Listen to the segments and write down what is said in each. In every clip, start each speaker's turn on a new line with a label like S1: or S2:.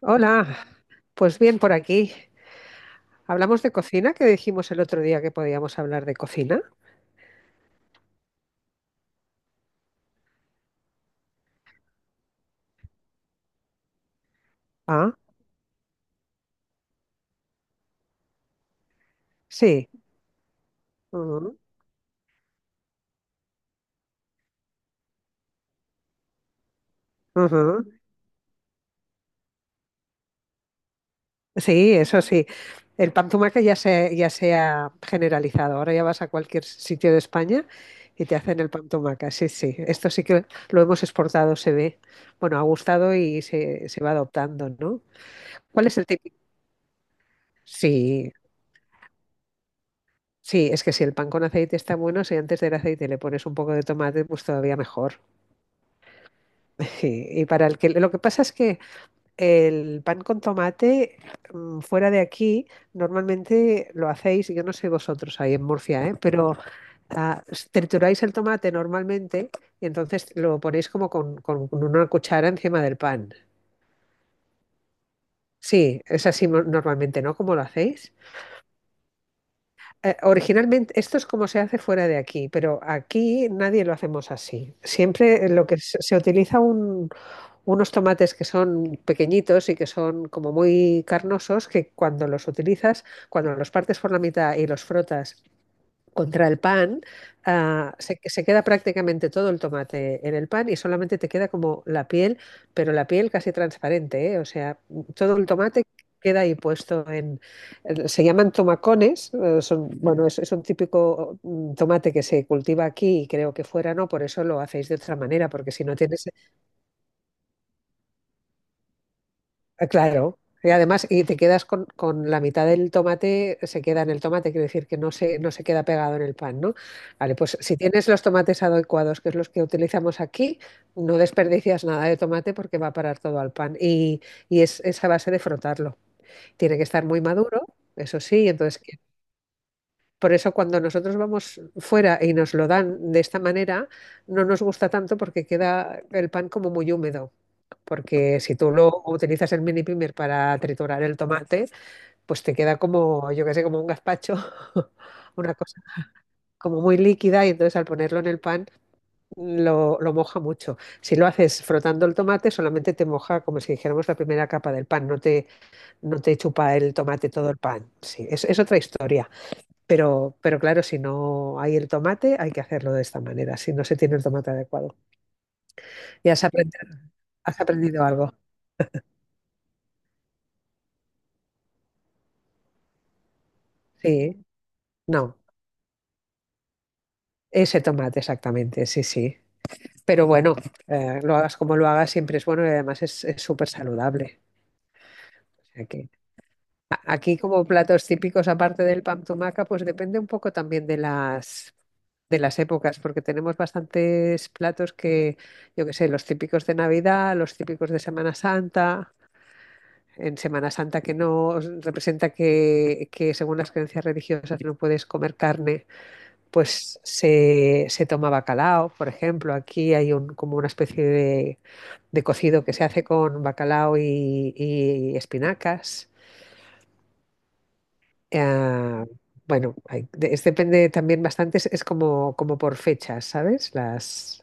S1: Hola, pues bien por aquí. ¿Hablamos de cocina? Que dijimos el otro día que podíamos hablar de cocina? Ah, sí. Ujú, ujú. Sí, eso sí. El pan tumaca ya se ha generalizado. Ahora ya vas a cualquier sitio de España y te hacen el pan tumaca. Sí, sí. Esto sí que lo hemos exportado, se ve. Bueno, ha gustado y se va adoptando, ¿no? ¿Cuál es el típico? Sí, sí, es que si el pan con aceite está bueno, si antes del aceite le pones un poco de tomate, pues todavía mejor. Sí, y para el que lo que pasa es que el pan con tomate fuera de aquí normalmente lo hacéis, yo no sé vosotros ahí en Murcia, ¿eh? Pero trituráis el tomate normalmente y entonces lo ponéis como con una cuchara encima del pan. Sí, es así normalmente, ¿no? ¿Cómo lo hacéis? Originalmente esto es como se hace fuera de aquí, pero aquí nadie lo hacemos así. Siempre lo que se utiliza unos tomates que son pequeñitos y que son como muy carnosos, que cuando los utilizas, cuando los partes por la mitad y los frotas contra el pan, se queda prácticamente todo el tomate en el pan y solamente te queda como la piel, pero la piel casi transparente, ¿eh? O sea, todo el tomate queda ahí puesto en... Se llaman tomacones, son, bueno, es un típico tomate que se cultiva aquí y creo que fuera no, por eso lo hacéis de otra manera, porque si no tienes. Ah, claro, y además, y te quedas con la mitad del tomate, se queda en el tomate, quiere decir que no se queda pegado en el pan, ¿no? Vale, pues si tienes los tomates adecuados, que es los que utilizamos aquí, no desperdicias nada de tomate porque va a parar todo al pan. Y es esa base de frotarlo. Tiene que estar muy maduro, eso sí, entonces, por eso cuando nosotros vamos fuera y nos lo dan de esta manera, no nos gusta tanto porque queda el pan como muy húmedo. Porque si tú lo utilizas el mini primer para triturar el tomate, pues te queda como, yo qué sé, como un gazpacho, una cosa como muy líquida y entonces al ponerlo en el pan lo moja mucho. Si lo haces frotando el tomate, solamente te moja como si dijéramos la primera capa del pan, no te chupa el tomate todo el pan. Sí, es otra historia. Pero claro, si no hay el tomate, hay que hacerlo de esta manera, si no se tiene el tomate adecuado. ¿Ya has aprendido algo? Sí, no. Ese tomate, exactamente, sí, sí. Pero bueno, lo hagas como lo hagas, siempre es bueno y además es súper saludable. O sea que aquí como platos típicos, aparte del pan tumaca, pues depende un poco también de las, épocas, porque tenemos bastantes platos que, yo qué sé, los típicos de Navidad, los típicos de Semana Santa. En Semana Santa que no representa que según las creencias religiosas no puedes comer carne pues se toma bacalao, por ejemplo. Aquí hay como una especie de cocido que se hace con bacalao y espinacas. Eh, bueno, depende también bastante, es como por fechas, ¿sabes?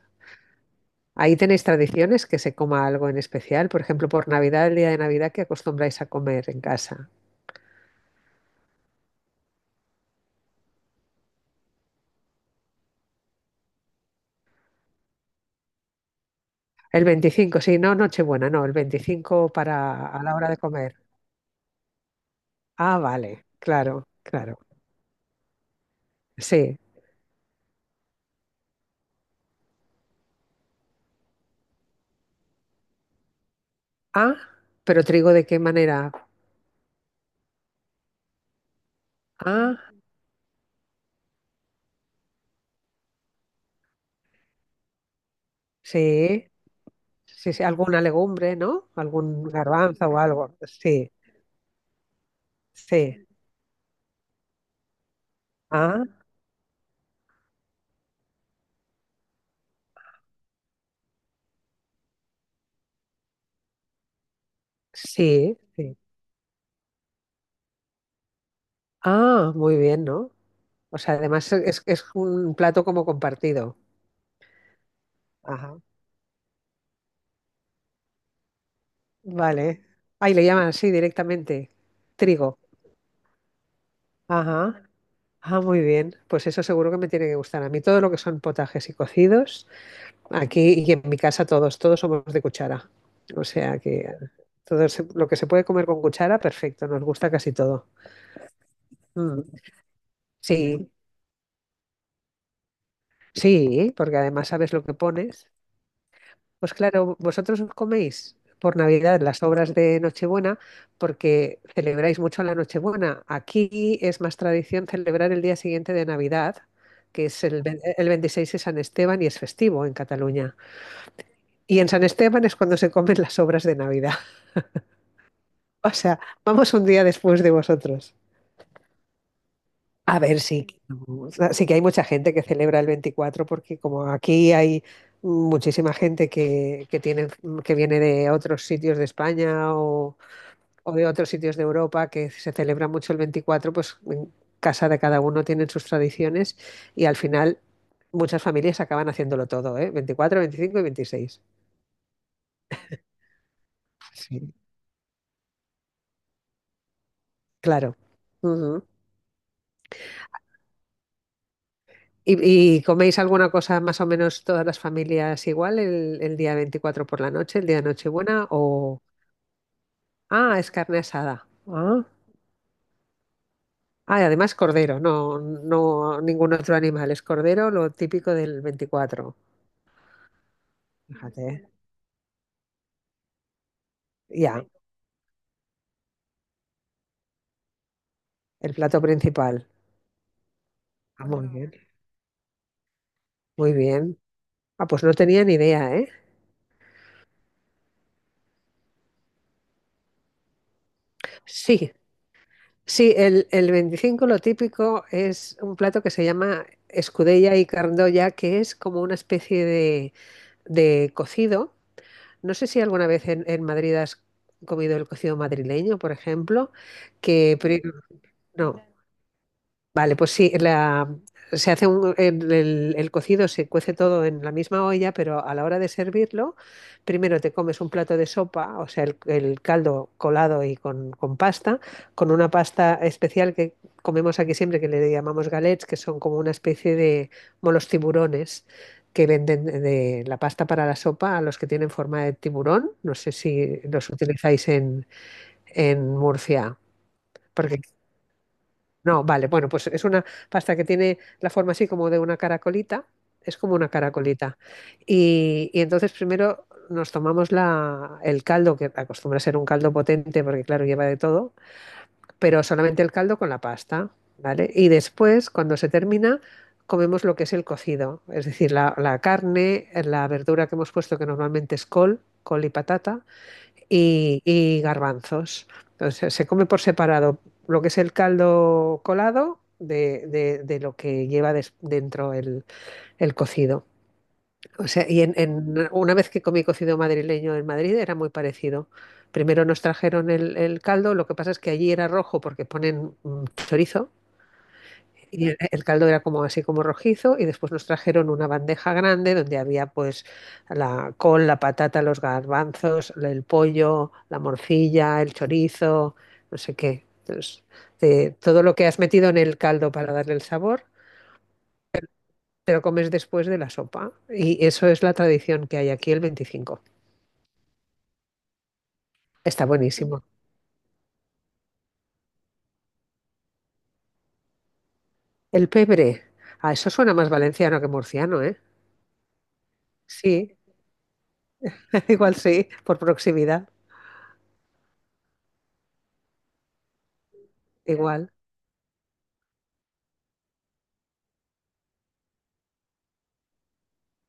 S1: Ahí tenéis tradiciones que se coma algo en especial. Por ejemplo, por Navidad, el día de Navidad, ¿qué acostumbráis a comer en casa? El 25 sí, no Nochebuena, no, el 25 para a la hora de comer. Ah, vale, claro, claro. Sí. Ah, pero ¿trigo de qué manera? Ah, sí, sí, sí, alguna legumbre, ¿no? Algún garbanzo o algo. Sí, sí. Ah, sí, sí. Ah, muy bien, ¿no? O sea, además es un plato como compartido. Ajá, vale. Ahí le llaman así directamente. Trigo. Ajá. Ah, muy bien. Pues eso seguro que me tiene que gustar. A mí todo lo que son potajes y cocidos. Aquí y en mi casa todos somos de cuchara. O sea que todo lo que se puede comer con cuchara, perfecto, nos gusta casi todo. Mm, sí, sí, porque además sabes lo que pones. Pues claro, vosotros os coméis por Navidad las obras de Nochebuena porque celebráis mucho la Nochebuena. Aquí es más tradición celebrar el día siguiente de Navidad, que es el 26 de San Esteban y es festivo en Cataluña. Y en San Esteban es cuando se comen las obras de Navidad. O sea, vamos un día después de vosotros. A ver, sí, sí que hay mucha gente que celebra el 24 porque como aquí hay muchísima gente que viene de otros sitios de España o de otros sitios de Europa que se celebra mucho el 24, pues en casa de cada uno tienen sus tradiciones y al final muchas familias acaban haciéndolo todo, ¿eh? 24, 25 y veintiséis. Sí. Claro. Ujú. ¿Y coméis alguna cosa más o menos todas las familias igual el día 24 por la noche, el día de Nochebuena? O, es carne asada. Ah, ah, y además cordero, no, no ningún otro animal, es cordero, lo típico del veinticuatro. Fíjate, ya, el plato principal. Ah, muy bien, muy bien. Ah, pues no tenía ni idea, ¿eh? Sí, sí, el 25 lo típico es un plato que se llama escudella y cardoya, que es como una especie de cocido. No sé si alguna vez en Madrid has comido el cocido madrileño, por ejemplo, que pero, no. Vale, pues sí, se hace el cocido, se cuece todo en la misma olla, pero a la hora de servirlo, primero te comes un plato de sopa, o sea, el caldo colado y con pasta, con una pasta especial que comemos aquí siempre, que le llamamos galets, que son como una especie de como los tiburones que venden de la pasta para la sopa a los que tienen forma de tiburón. No sé si los utilizáis en Murcia. No, vale, bueno, pues es una pasta que tiene la forma así como de una caracolita, es como una caracolita. Y entonces primero nos tomamos el caldo, que acostumbra a ser un caldo potente porque claro, lleva de todo, pero solamente el caldo con la pasta, ¿vale? Y después, cuando se termina, comemos lo que es el cocido, es decir, la carne, la verdura que hemos puesto, que normalmente es col, col y patata y garbanzos. Entonces se come por separado lo que es el caldo colado de lo que lleva dentro el cocido. O sea, una vez que comí cocido madrileño en Madrid era muy parecido. Primero nos trajeron el caldo, lo que pasa es que allí era rojo porque ponen chorizo y el caldo era como así como rojizo y después nos trajeron una bandeja grande donde había pues la col, la patata, los garbanzos, el pollo, la morcilla, el chorizo, no sé qué. Entonces, todo lo que has metido en el caldo para darle el sabor, te lo comes después de la sopa. Y eso es la tradición que hay aquí el veinticinco. Está buenísimo. El pebre. Ah, eso suena más valenciano que murciano, ¿eh? Sí, igual sí, por proximidad, igual.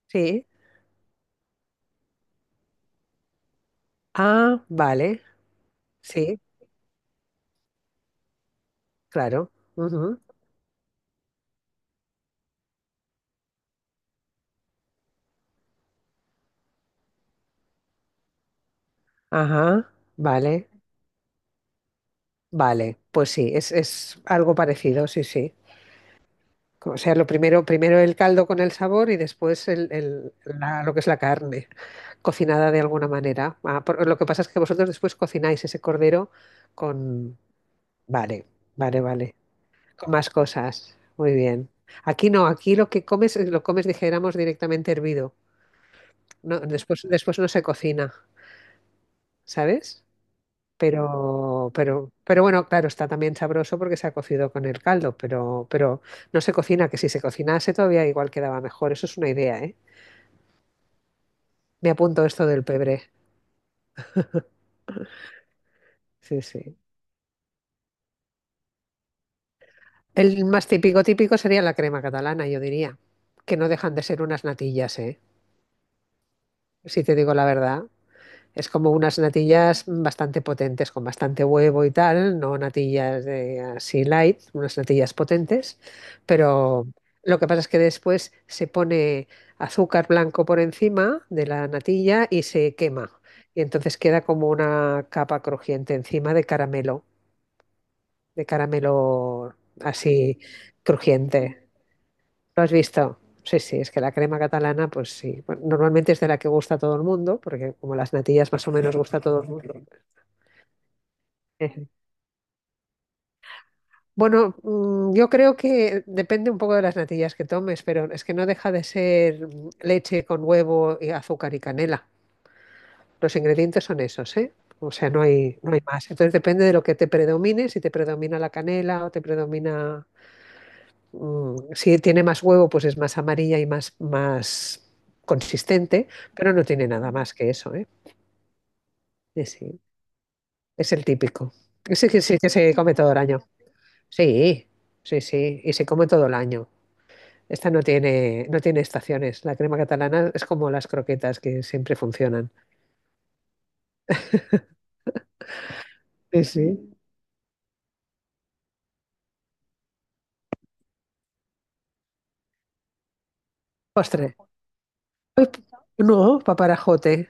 S1: Sí. Ah, vale. Sí, claro. Ujú. Ajá, vale, vale. Pues sí, es algo parecido, sí, sí. O sea, lo primero, primero el caldo con el sabor y después lo que es la carne, cocinada de alguna manera. Ah, lo que pasa es que vosotros después cocináis ese cordero con... Vale, vale, vale. Con más cosas. Muy bien. Aquí no, aquí lo que comes, lo comes, dijéramos, directamente hervido. No, después no se cocina, ¿sabes? Pero bueno, claro, está también sabroso porque se ha cocido con el caldo, pero, no se cocina, que si se cocinase todavía igual quedaba mejor. Eso es una idea, ¿eh? Me apunto esto del pebre. Sí, sí. El más típico, típico sería la crema catalana, yo diría, que no dejan de ser unas natillas, ¿eh? Si te digo la verdad. Es como unas natillas bastante potentes, con bastante huevo y tal, no natillas de así light, unas natillas potentes, pero lo que pasa es que después se pone azúcar blanco por encima de la natilla y se quema. Y entonces queda como una capa crujiente encima de caramelo así crujiente. ¿Lo has visto? Sí, sí, es que la crema catalana, pues sí, bueno, normalmente es de la que gusta a todo el mundo, porque como las natillas más o menos gusta a todo el mundo. Eje. Bueno, yo creo que depende un poco de las natillas que tomes, pero es que no deja de ser leche con huevo y azúcar y canela. Los ingredientes son esos, ¿eh? O sea, no hay más. Entonces depende de lo que te predomine, si te predomina la canela o te predomina... Si tiene más huevo, pues es más amarilla y más consistente, pero no tiene nada más que eso, ¿eh? Sí, sí. Es el típico. Ese que sí que se come todo el año. Sí, sí, sí, y se come todo el año. Esta no tiene estaciones. La crema catalana es como las croquetas que siempre funcionan. Sí, sí. Postre. Uy, no, paparajote.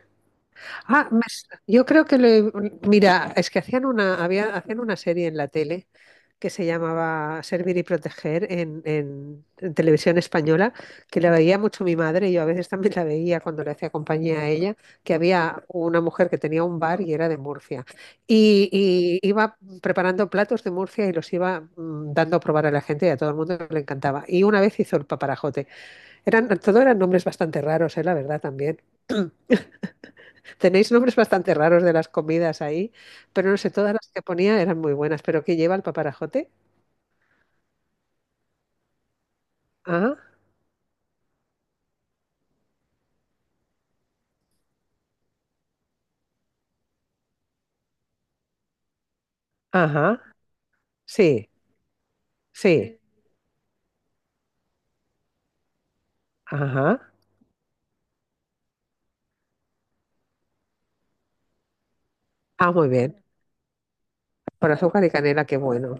S1: Ah, yo creo que mira, es que hacían una serie en la tele que se llamaba Servir y Proteger en, en televisión española, que la veía mucho mi madre, y yo a veces también la veía cuando le hacía compañía a ella, que había una mujer que tenía un bar y era de Murcia. Y, y iba preparando platos de Murcia y los iba dando a probar a la gente y a todo el mundo le encantaba. Y una vez hizo el paparajote. Todo eran nombres bastante raros, la verdad también. Tenéis nombres bastante raros de las comidas ahí, pero no sé, todas las que ponía eran muy buenas. ¿Pero qué lleva el paparajote? Ah, ajá. Sí, sí. Ajá. Ah, muy bien. Con azúcar y canela, qué bueno.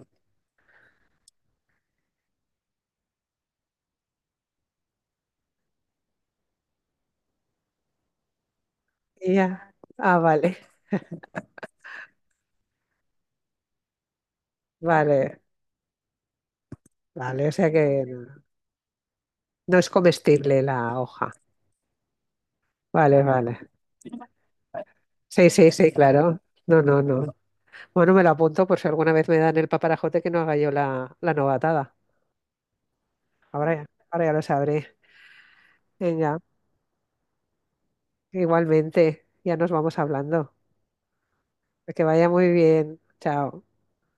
S1: Ya. Ah, vale, vale, vale. O sea que no es comestible la hoja. Vale, vale. Sí, sí, sí, claro. No, no, no. Bueno, me lo apunto por si alguna vez me dan el paparajote que no haga yo la novatada. Ahora ya, ahora ya lo sabré. Venga, igualmente, ya nos vamos hablando. Que vaya muy bien. Chao.